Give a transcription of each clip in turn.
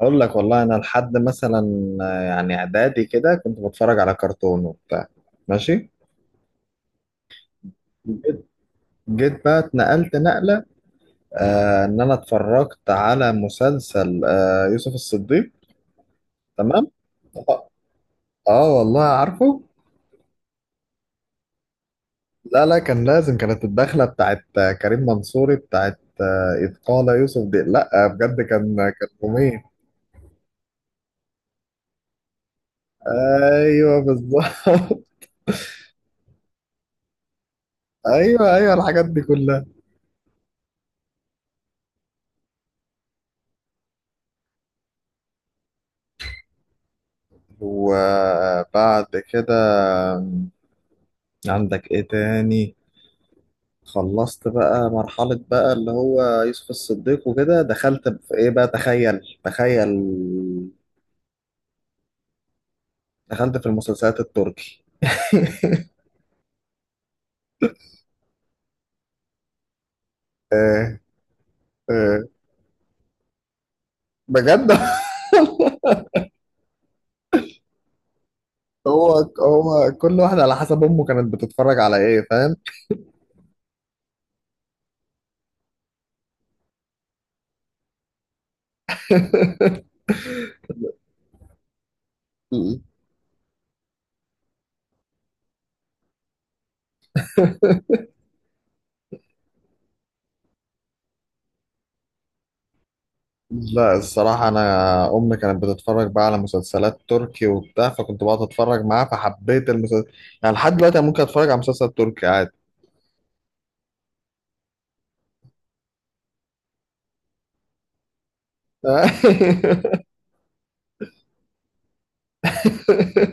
اقول لك والله انا لحد مثلا يعني اعدادي كده كنت بتفرج على كرتون وبتاع. ماشي. جيت جيت بقى اتنقلت نقلة. آه، ان انا اتفرجت على مسلسل يوسف الصديق. تمام. اه. آه والله عارفه. لا لا، كان لازم كانت الدخلة بتاعت كريم منصوري بتاعت إذ قال يوسف دي، لا بجد كان جميل. ايوه بالظبط. ايوه ايوه، الحاجات دي كلها. وبعد كده عندك ايه تاني؟ خلصت بقى مرحلة بقى اللي هو يوسف الصديق وكده، دخلت في ايه بقى؟ تخيل. دخلت في المسلسلات التركي. آه. آه. بجد. هو هو كل واحد على حسب امه كانت بتتفرج على ايه، فاهم. لا الصراحة أنا، أمي كانت بتتفرج بقى على مسلسلات تركي وبتاع، فكنت بقعد أتفرج معاها فحبيت المسلسل. يعني لحد دلوقتي أنا ممكن أتفرج على مسلسل تركي عادي.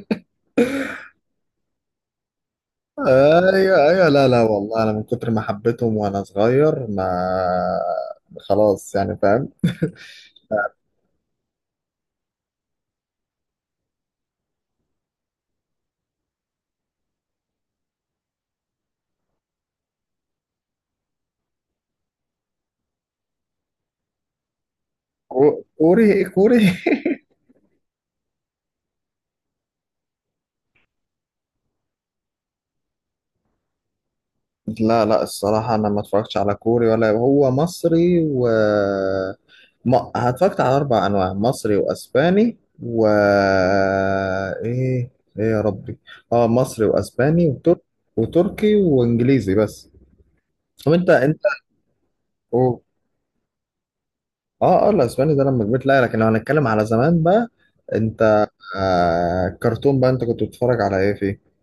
ايوه ايوه، لا لا والله انا من كتر ما حبيتهم وانا صغير، ما خلاص، يعني فاهم. كوري كوري. لا لا الصراحة أنا ما اتفرجتش على كوري، ولا هو مصري، و ما اتفرجت على أربع أنواع، مصري وأسباني و إيه؟ إيه يا ربي؟ أه، مصري وأسباني وتر... وتركي وإنجليزي بس. طب أنت أنت، اه اه الاسباني ده لما كبرت، لا لكن لو هنتكلم على زمان بقى، انت آه، كرتون بقى انت كنت بتتفرج على ايه فيه؟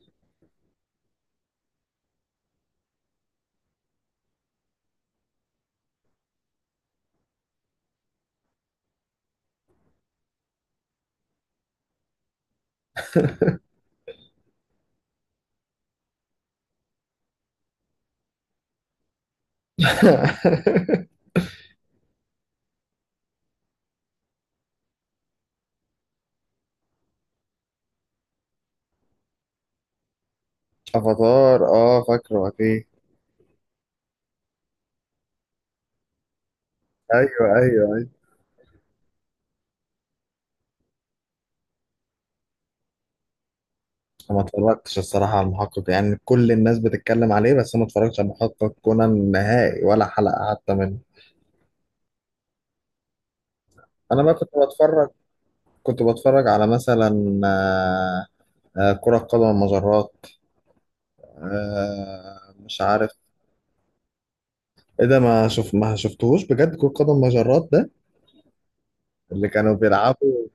افاتار، اه فاكره اكيد. ايوه ايوه ايوه. أنا ما اتفرجتش الصراحه على المحقق، يعني كل الناس بتتكلم عليه بس أنا ما اتفرجتش على المحقق كونان نهائي ولا حلقه حتى منه. انا بقى كنت بتفرج على مثلا كرة قدم المجرات، مش عارف ايه ده. ما شفتهوش بجد كرة قدم المجرات؟ اللي كانوا بيلعبوا،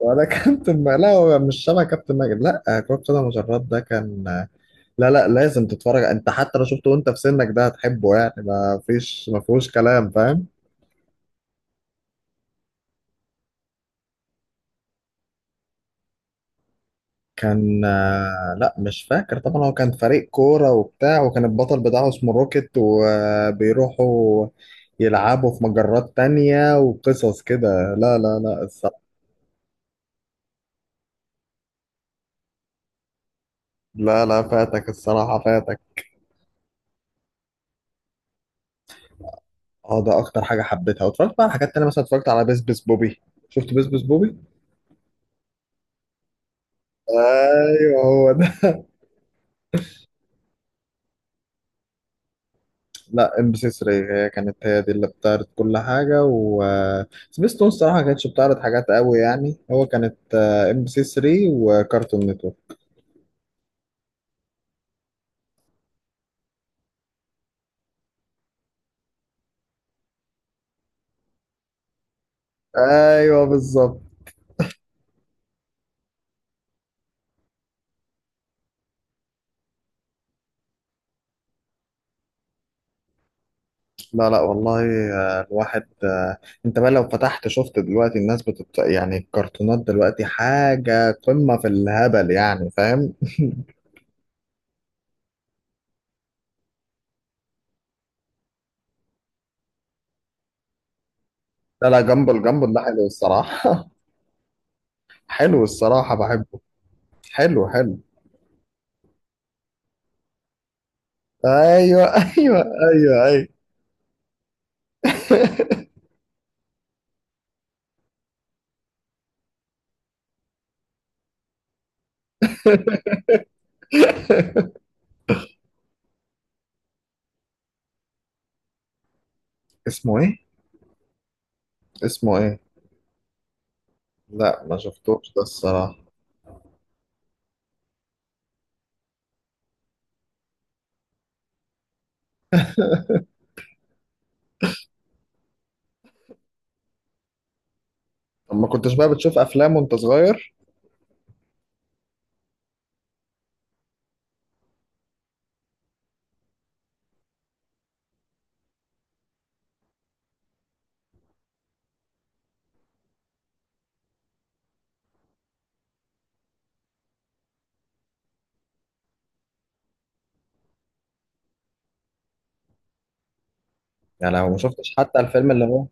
ولا كابتن م... لا هو مش شبه كابتن ماجد، لا كرة قدم مجرات ده كان، لا لا لازم تتفرج انت حتى لو شفته وانت في سنك ده هتحبه يعني، ما فيهوش كلام فاهم. كان لا مش فاكر طبعا، هو كان فريق كورة وبتاع، وكان البطل بتاعه اسمه روكيت وبيروحوا يلعبوا في مجرات تانية وقصص كده. لا لا لا الصراحة، لا لا فاتك الصراحة فاتك. اه ده اكتر حاجه حبيتها، واتفرجت بقى على حاجات تانية، مثلا اتفرجت على بس بس بوبي. شفت بس بس بوبي؟ ايوه هو ده. لا ام بي سي 3، هي كانت هي دي اللي بتعرض كل حاجه، و سبيستون الصراحه ما كانتش بتعرض حاجات قوي يعني، هو كانت ام بي سي 3 وكارتون نتورك. ايوه بالظبط. لا لا والله. آه، الواحد آه، انت بقى لو فتحت شفت دلوقتي الناس بتت... يعني الكرتونات دلوقتي حاجه قمه في الهبل، يعني فاهم. لا لا، جامبل ده حلو الصراحه. حلو الصراحة بحبه، حلو. ايوه. ايوه ايوه ايوه. اسمه ايه؟ اسمه ايه؟ لا ما شفتوش ده الصراحة. طب ما كنتش بقى بتشوف افلام وانت صغير؟ يعني لو ما شفتش حتى الفيلم اللي هو،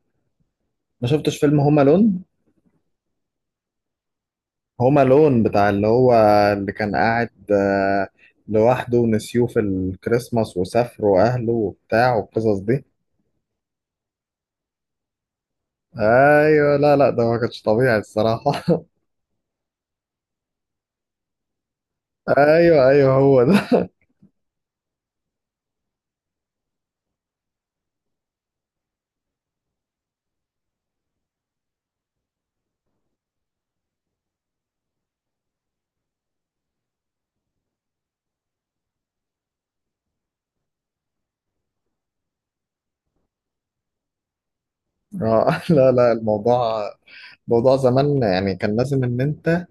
ما شفتش فيلم هوم الون؟ هوم الون بتاع اللي هو اللي كان قاعد لوحده ونسيوه في الكريسماس وسافروا اهله وبتاع والقصص دي. ايوه لا لا ده ما كانش طبيعي الصراحة. ايوه ايوه هو ده. لا لا الموضوع، موضوع زمان يعني كان لازم ان انت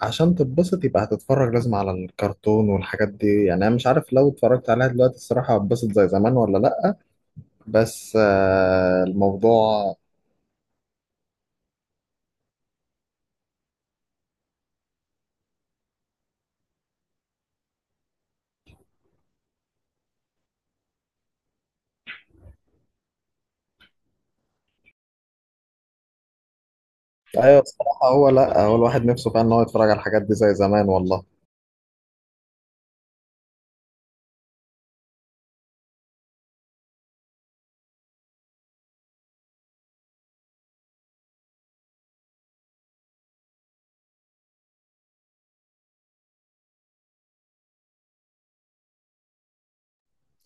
عشان تتبسط يبقى هتتفرج لازم على الكرتون والحاجات دي، يعني انا مش عارف لو اتفرجت عليها دلوقتي الصراحة هتبسط زي زمان ولا لأ. بس آه، الموضوع ايوه الصراحة، هو لأ، هو الواحد نفسه فعلا ان هو يتفرج على الحاجات دي زي زمان والله.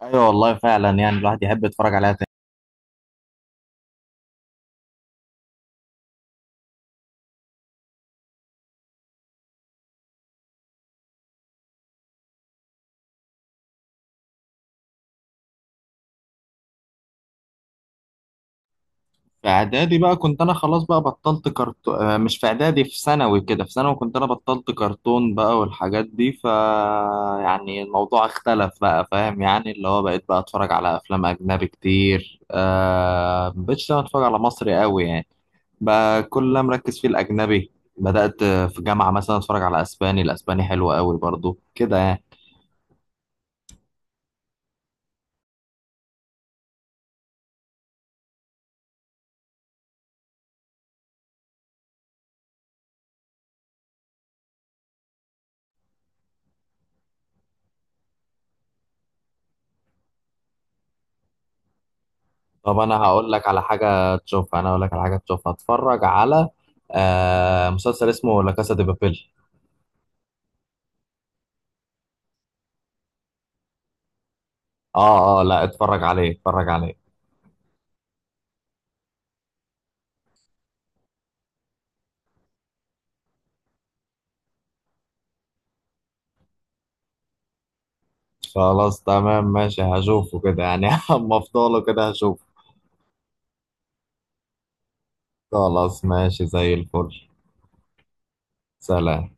ايوه والله فعلا، يعني الواحد يحب يتفرج عليها. في اعدادي بقى كنت انا خلاص بقى بطلت كرتون، مش في اعدادي، في ثانوي كده، في ثانوي كنت انا بطلت كرتون بقى والحاجات دي. ف يعني الموضوع اختلف بقى فاهم، يعني اللي هو بقيت بقى اتفرج على افلام اجنبي كتير، آه مبقتش انا اتفرج على مصري قوي يعني، بقى كل اللي أنا مركز فيه الاجنبي. بدأت في جامعة مثلا اتفرج على اسباني، الاسباني حلو قوي برضو كده يعني. طب انا هقول لك على حاجة تشوفها، اتفرج على آه مسلسل اسمه لا كاسا دي بابيل. اه اه لا اتفرج عليه اتفرج عليه. خلاص تمام ماشي، هشوفه كده يعني. اما افضله كده هشوفه. خلاص ماشي زي الفل. سلام.